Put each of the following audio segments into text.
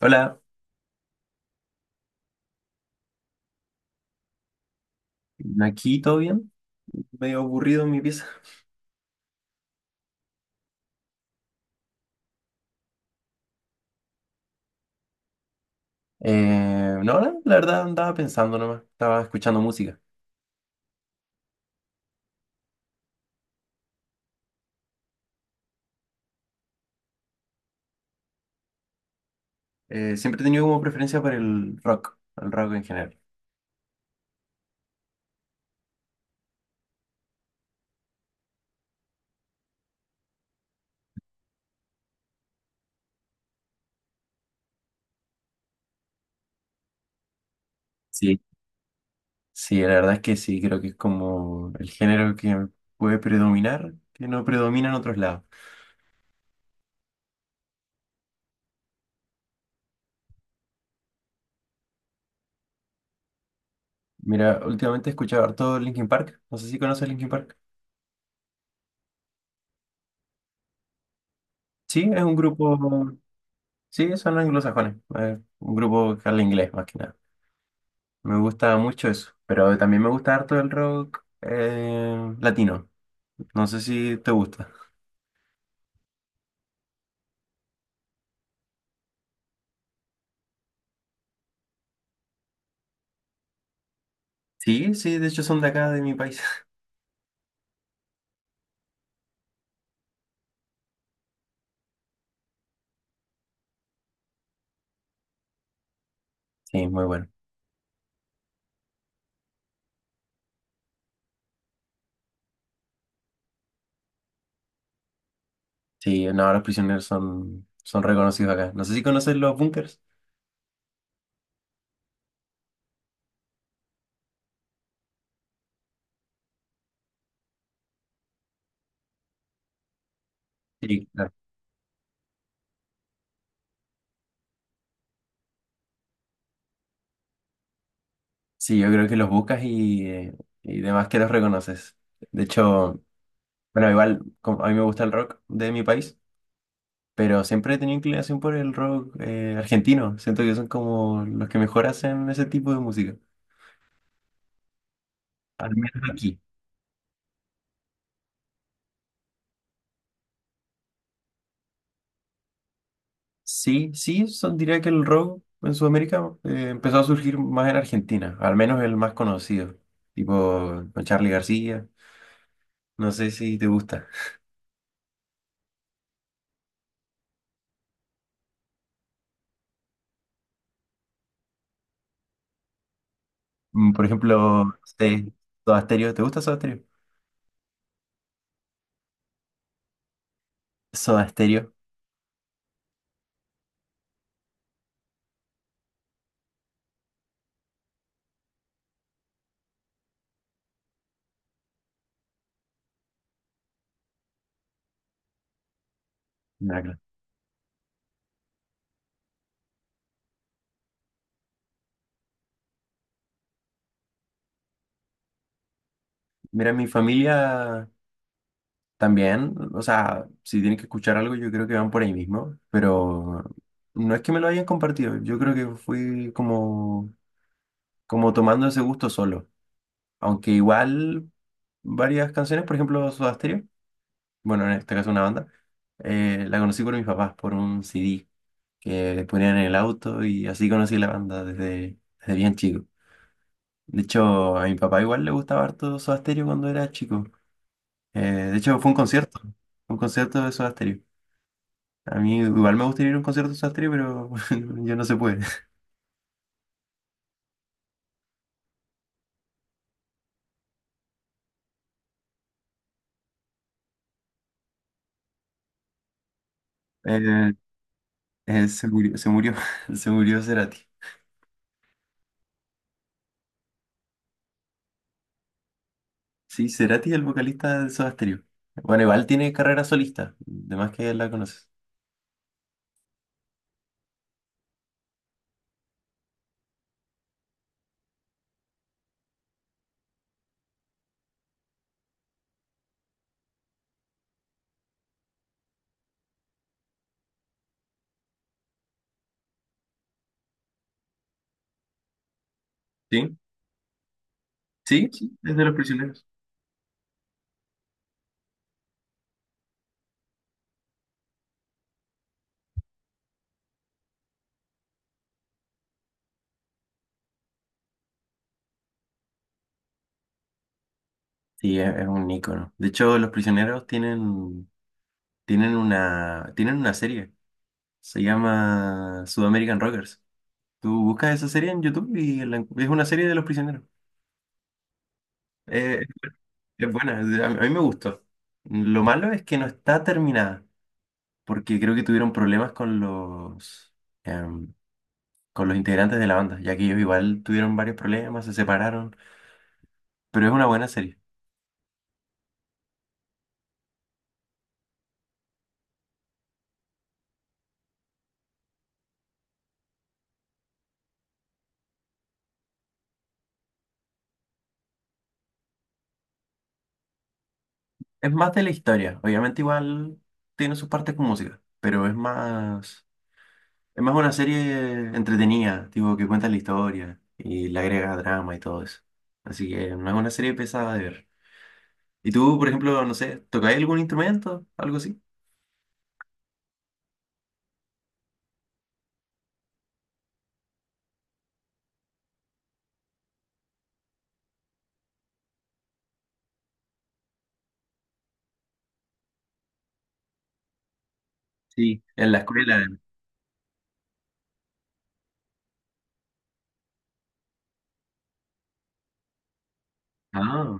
Hola, aquí todo bien, medio aburrido en mi pieza. No, no, la verdad andaba pensando nomás, estaba escuchando música. Siempre he tenido como preferencia por el rock en general. Sí. Sí, la verdad es que sí, creo que es como el género que puede predominar, que no predomina en otros lados. Mira, últimamente he escuchado harto Linkin Park, no sé si conoces Linkin Park. Sí, es un grupo, sí, son anglosajones, un grupo que habla inglés más que nada. Me gusta mucho eso, pero también me gusta harto el rock latino. No sé si te gusta. Sí, sí, de hecho son de acá, de mi país. Sí, muy bueno. Sí, no, los prisioneros son, son reconocidos acá. No sé si conoces los bunkers. Sí, claro. Sí, yo creo que los buscas y demás que los reconoces. De hecho, bueno, igual como a mí me gusta el rock de mi país, pero siempre he tenido inclinación por el rock argentino. Siento que son como los que mejor hacen ese tipo de música. Al menos aquí. Sí, sí, son, diría que el rock en Sudamérica empezó a surgir más en Argentina, al menos el más conocido, tipo con Charly García, no sé si te gusta. Mm, por ejemplo, Soda Stereo, ¿te gusta Soda Stereo? Soda Stereo. Mira, claro. Mira, mi familia también, o sea, si tienen que escuchar algo, yo creo que van por ahí mismo, pero no es que me lo hayan compartido, yo creo que fui como, como tomando ese gusto solo. Aunque igual varias canciones, por ejemplo, Soda Stereo, bueno, en este caso una banda, la conocí por mis papás, por un CD que le ponían en el auto y así conocí la banda desde, desde bien chico. De hecho, a mi papá igual le gustaba harto Soda Stereo cuando era chico. De hecho, fue un concierto de Soda Stereo. A mí igual me gustaría ir a un concierto de Soda Stereo, pero yo no se puede. Eh, se murió, se murió Cerati. Sí, Cerati, el vocalista de Soda Stereo. Bueno, igual tiene carrera solista, de más que la conoces. Sí, sí, sí, es de Los Prisioneros. Sí, es un ícono. De hecho, Los Prisioneros tienen, tienen una serie, se llama Sudamerican Rockers. Tú buscas esa serie en YouTube y la es una serie de Los Prisioneros. Eh, es buena, a mí me gustó. Lo malo es que no está terminada, porque creo que tuvieron problemas con los... em, con los integrantes de la banda, ya que ellos igual tuvieron varios problemas, se separaron, pero es una buena serie. Es más de la historia, obviamente igual tiene sus partes con música, pero es más una serie entretenida, tipo que cuenta la historia y le agrega drama y todo eso. Así que no es una serie pesada de ver. ¿Y tú, por ejemplo, no sé, tocáis algún instrumento, algo así? Sí. En la escuela. Ah.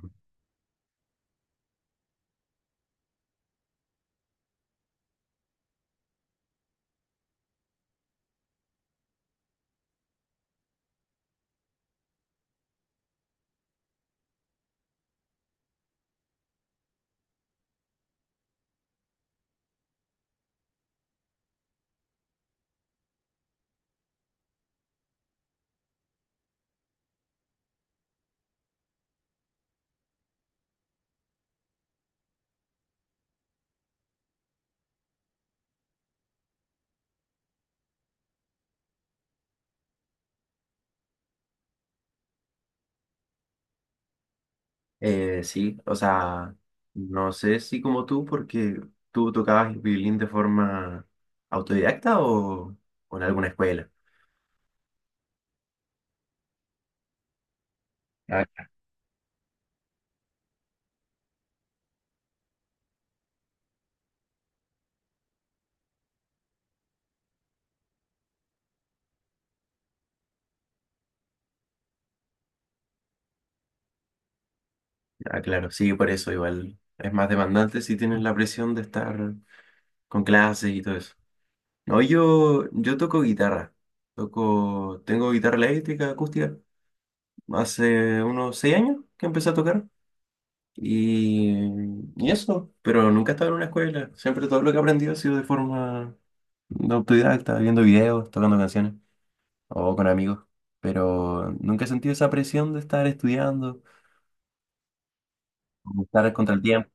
Sí, o sea, no sé si como tú, porque tú tocabas el violín de forma autodidacta o en alguna escuela. Ah, ah, claro, sí, por eso igual es más demandante si tienes la presión de estar con clases y todo eso. No, yo toco guitarra, toco, tengo guitarra eléctrica, acústica, hace unos 6 años que empecé a tocar y, y eso, pero nunca he estado en una escuela, siempre todo lo que he aprendido ha sido de forma de autodidacta, viendo videos, tocando canciones o con amigos. Pero nunca he sentido esa presión de estar estudiando, de estar contra el tiempo.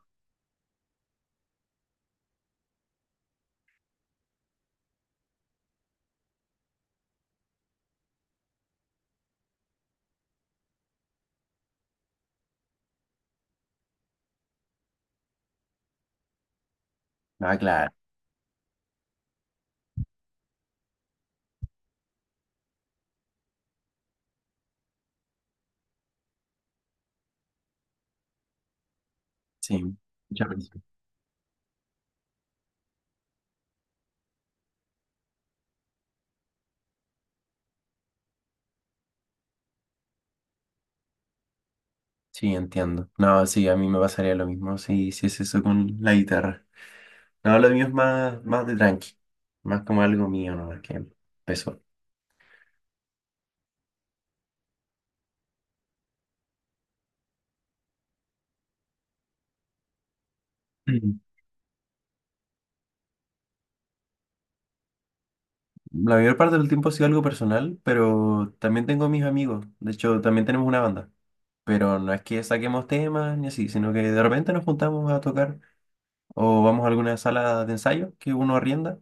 Ah, claro, sí, mucha presión. Sí, entiendo. No, sí, a mí me pasaría lo mismo si es eso con la guitarra. No, lo mío es más, más de tranqui, más como algo mío, ¿no? Es que empezó. Mm. La mayor parte del tiempo ha sido algo personal, pero también tengo mis amigos. De hecho, también tenemos una banda. Pero no es que saquemos temas ni así, sino que de repente nos juntamos a tocar o vamos a alguna sala de ensayo que uno arrienda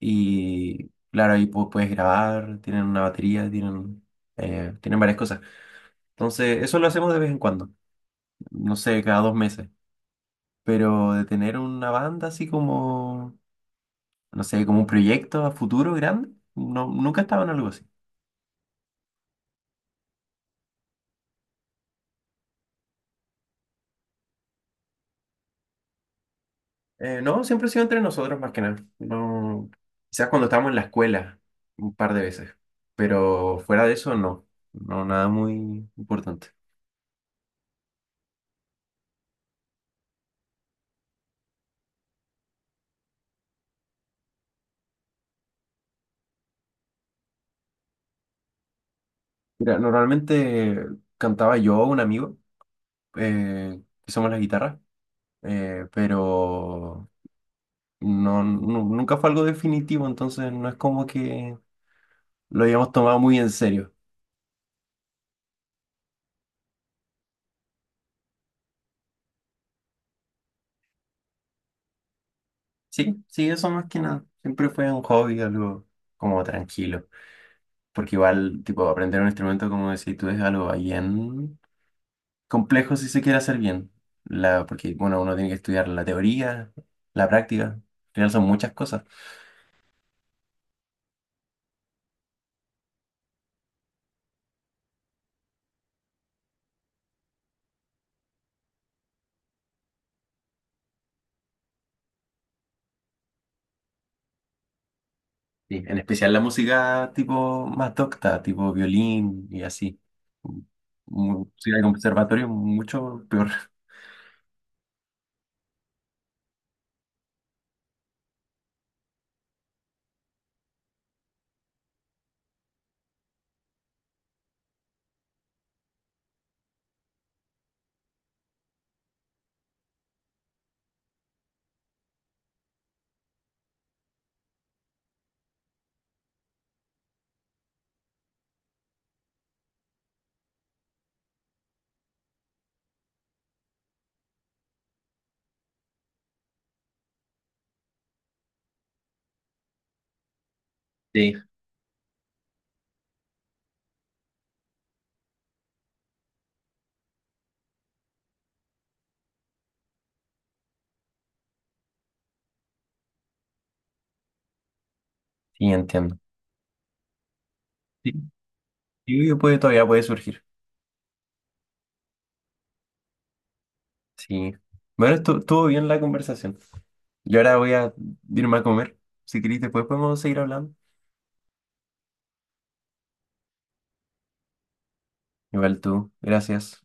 y claro, ahí puedes grabar, tienen una batería, tienen, tienen varias cosas. Entonces, eso lo hacemos de vez en cuando, no sé, cada 2 meses, pero de tener una banda así como, no sé, como un proyecto a futuro grande, no, nunca estaba en algo así. No, siempre ha sido entre nosotros más que nada. No, quizás cuando estábamos en la escuela un par de veces, pero fuera de eso no, no, nada muy importante. Mira, normalmente cantaba yo, un amigo, eh, que somos la guitarra, pero no, nunca fue algo definitivo, entonces no es como que lo hayamos tomado muy en serio. Sí, sí, eso más que nada. Siempre fue un hobby, algo como tranquilo, porque igual, tipo, aprender un instrumento, como decís tú, es algo bien complejo si se quiere hacer bien. Porque, bueno, uno tiene que estudiar la teoría, la práctica, al final son muchas cosas. Sí, en especial la música tipo más docta, tipo violín y así. Música de conservatorio mucho peor. Sí. Sí, entiendo. Sí, yo puede, todavía puede surgir. Sí. Bueno, estuvo bien la conversación. Yo ahora voy a irme a comer. Si querés, después podemos seguir hablando. Igual tú. Gracias.